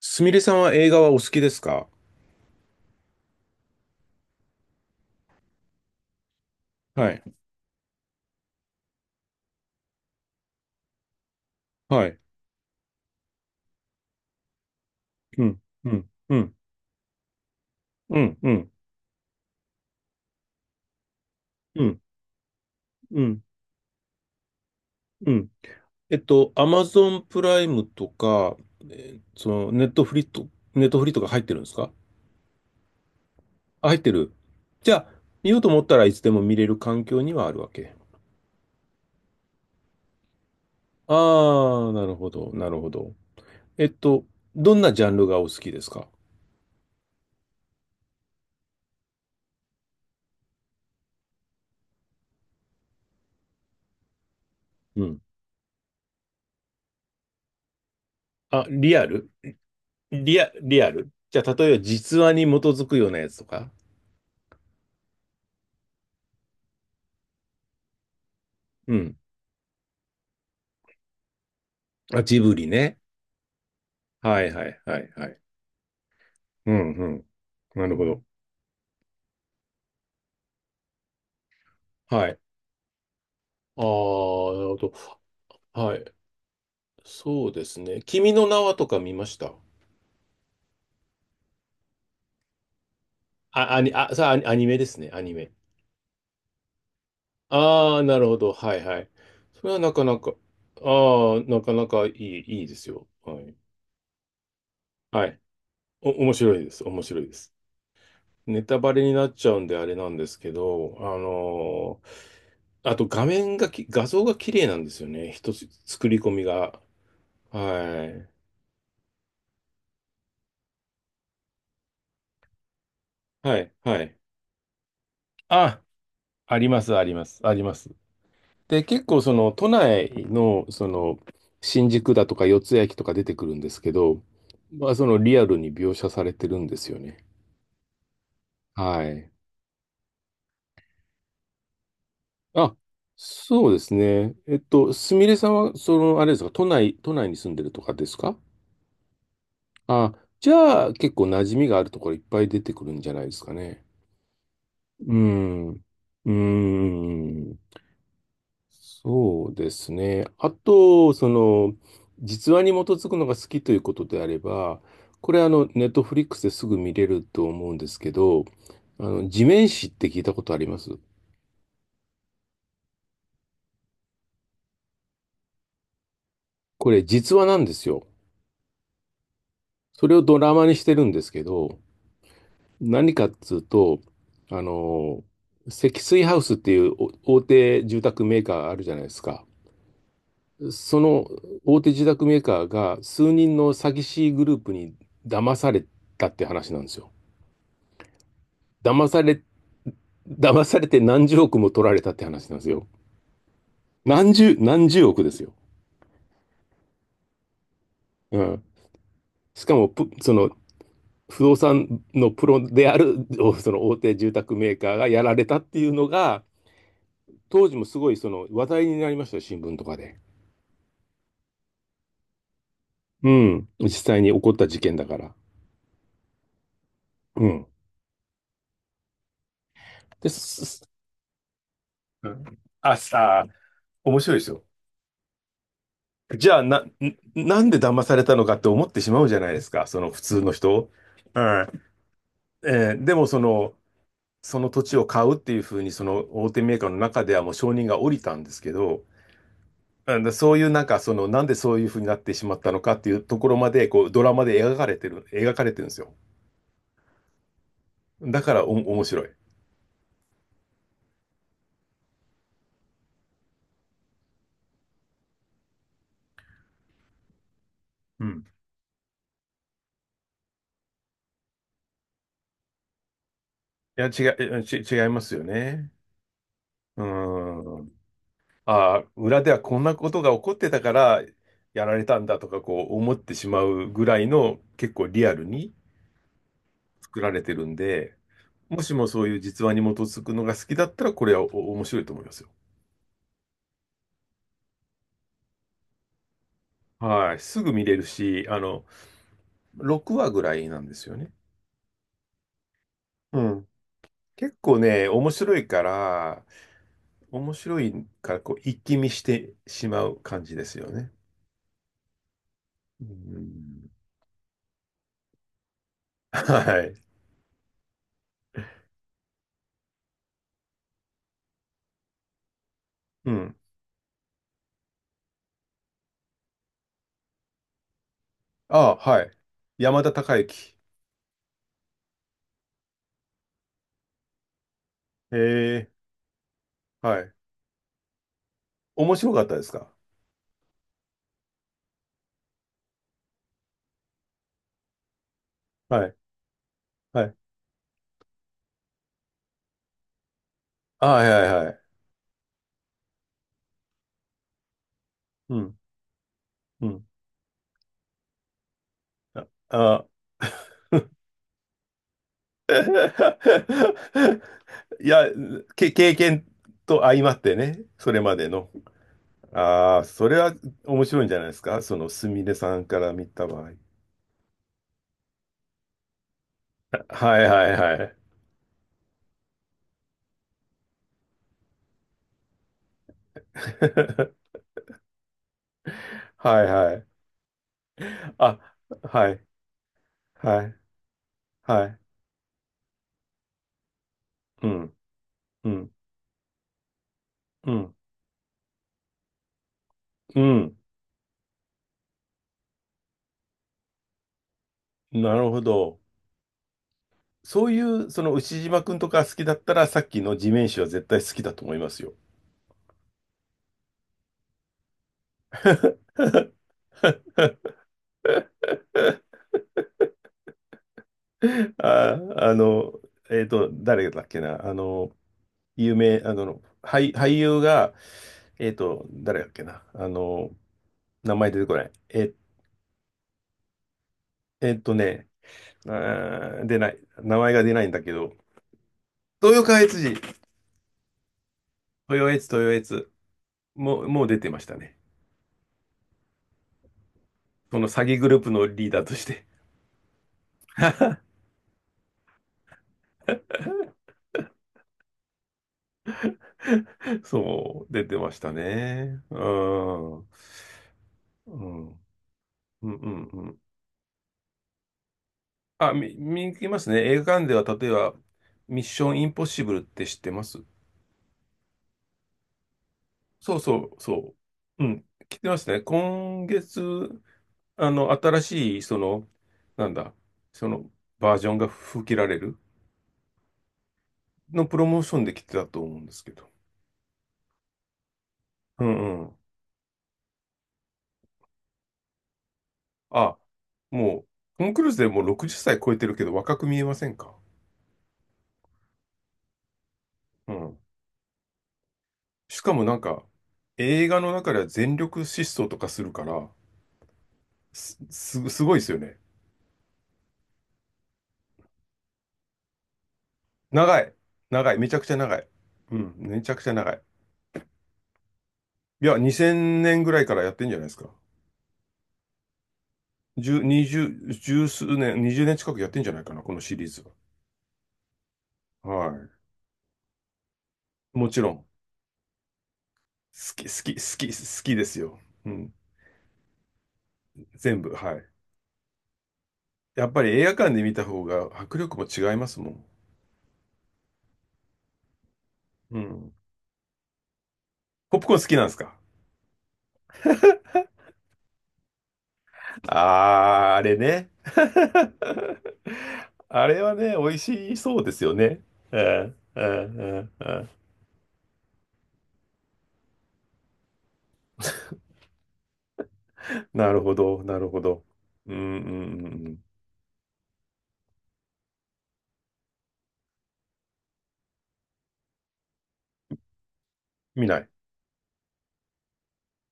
すみれさんは映画はお好きですか？はい。はい。うん。うん。うん。うん。うん。うん。うん。うん。アマゾンプライムとか、その、ネットフリと、ネットフリとか入ってるんですか？あ、入ってる。じゃあ、見ようと思ったらいつでも見れる環境にはあるわけ？ああ、なるほど。なるほど。えっと、どんなジャンルがお好きですか？うん。あ、リアル。リアル。じゃあ、例えば実話に基づくようなやつとか。うん。あ、ジブリね。はいはいはいはい。うんうん。なるほど。はい。ああ、なるほど。はい。そうですね。「君の名は」とか見ました？あ、アニメですね。アニメ。ああ、なるほど。はいはい。それはなかなか、ああ、なかなかいいですよ。はい。はい。面白いです。面白いです。ネタバレになっちゃうんであれなんですけど、あと画像が綺麗なんですよね。一つ、作り込みが。はい。はい、はい。あ、あります、あります、あります。で、結構その都内の、その、新宿だとか四ツ谷駅とか出てくるんですけど、まあそのリアルに描写されてるんですよね。はい。あ、そうですね。すみれさんは、その、あれですか、都内に住んでるとかですか？あ、じゃあ結構馴染みがあるところいっぱい出てくるんじゃないですかね。うん。うーん。そうですね。あと、その、実話に基づくのが好きということであれば、これあの、ネットフリックスですぐ見れると思うんですけど、あの、地面師って聞いたことあります？これ実話なんですよ。それをドラマにしてるんですけど、何かっつうと、あの、積水ハウスっていう大手住宅メーカーあるじゃないですか。その大手住宅メーカーが数人の詐欺師グループに騙されたって話なんですよ。騙され、騙されて何十億も取られたって話なんですよ。何十億ですよ。うん。しかもプ、ぷその、不動産のプロである、その大手住宅メーカーがやられたっていうのが、当時もすごいその話題になりましたよ、新聞とかで。うん。実際に起こった事件だから。うん。で、すすうんあ、さあ、面白いですよ。じゃあ、なんで騙されたのかって思ってしまうじゃないですか、その普通の人。うん。でも、その土地を買うっていうふうに、その大手メーカーの中ではもう承認が下りたんですけど、うんだそういうなんか、その、なんでそういうふうになってしまったのかっていうところまで、こう、ドラマで描かれてるんですよ。だから面白い。うん。いや、違いますよね。うん。ああ、裏ではこんなことが起こってたからやられたんだとかこう思ってしまうぐらいの結構リアルに作られてるんで、もしもそういう実話に基づくのが好きだったらこれは面白いと思いますよ。はい。すぐ見れるし、あの、6話ぐらいなんですよね。うん。結構ね、面白いから、面白いからこう一気見してしまう感じですよね。うん。はい。うん。ああ、はい。山田孝之。へえ、はい。面白かったですか？はい。はい。あ、はいはいはい。うん。うん。あ、あ。 いや、経験と相まってね、それまでの。ああ、それは面白いんじゃないですか、そのすみれさんから見た場合。はいはいはい。はいはい。あ、はい、はい、はい。うん、うん、うん、うん。なるほど。そういう、その牛島くんとか好きだったら、さっきの地面師は絶対好きだと思いますよ。あ、誰だっけな、有名、俳優が、誰だっけな、名前出てこない。えっとね、出ない。名前が出ないんだけど、豊川悦司、豊悦、豊悦、もう出てましたね。その詐欺グループのリーダーとして。 そう、出てましたね。うん。うん、うん、うん、うん。あ、見に行きますね。映画館では、例えば、ミッションインポッシブルって知ってます？そうそう、そう。うん、来てますね。今月、新しい、その、なんだ、その、バージョンが吹き切られるのプロモーションで来てたと思うんですけど。うんうん。あ、もう、トム・クルーズでもう60歳超えてるけど若く見えませんか？うん。しかもなんか、映画の中では全力疾走とかするから、すごいですよね。長い。長い。めちゃくちゃ長い。うん。めちゃくちゃ長い。いや、2000年ぐらいからやってんじゃないですか。十、二十、十数年、20年近くやってんじゃないかな、このシリーズは。はい。もちろん、好き、好き、好き、好きですよ。うん。全部、はい。やっぱり映画館で見た方が迫力も違いますもん。うん。ポップコーン好きなんですか？あー、あれね。あれはね、美味しそうですよね。うん、うん、うん、うん。なるほど、なるほど。うん、うん、うんうん。見ない。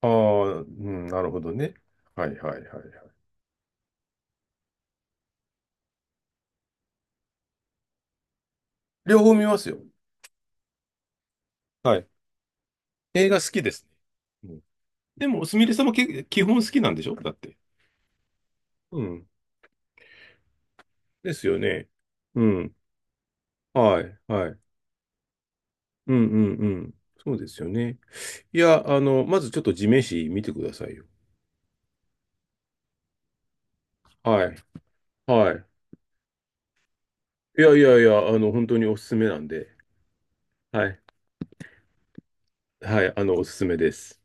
ああ、うん、なるほどね。はい、はい、はい、はい。両方見ますよ。はい。映画好きですね。うん。でも、すみれさんも基本好きなんでしょだって。うん。ですよね。うん。はい、はい。うん、うん、うん。そうですよね。いや、まずちょっと地面師見てくださいよ。はい、はい。いやいやいや、本当におすすめなんで。はい、はい、おすすめです。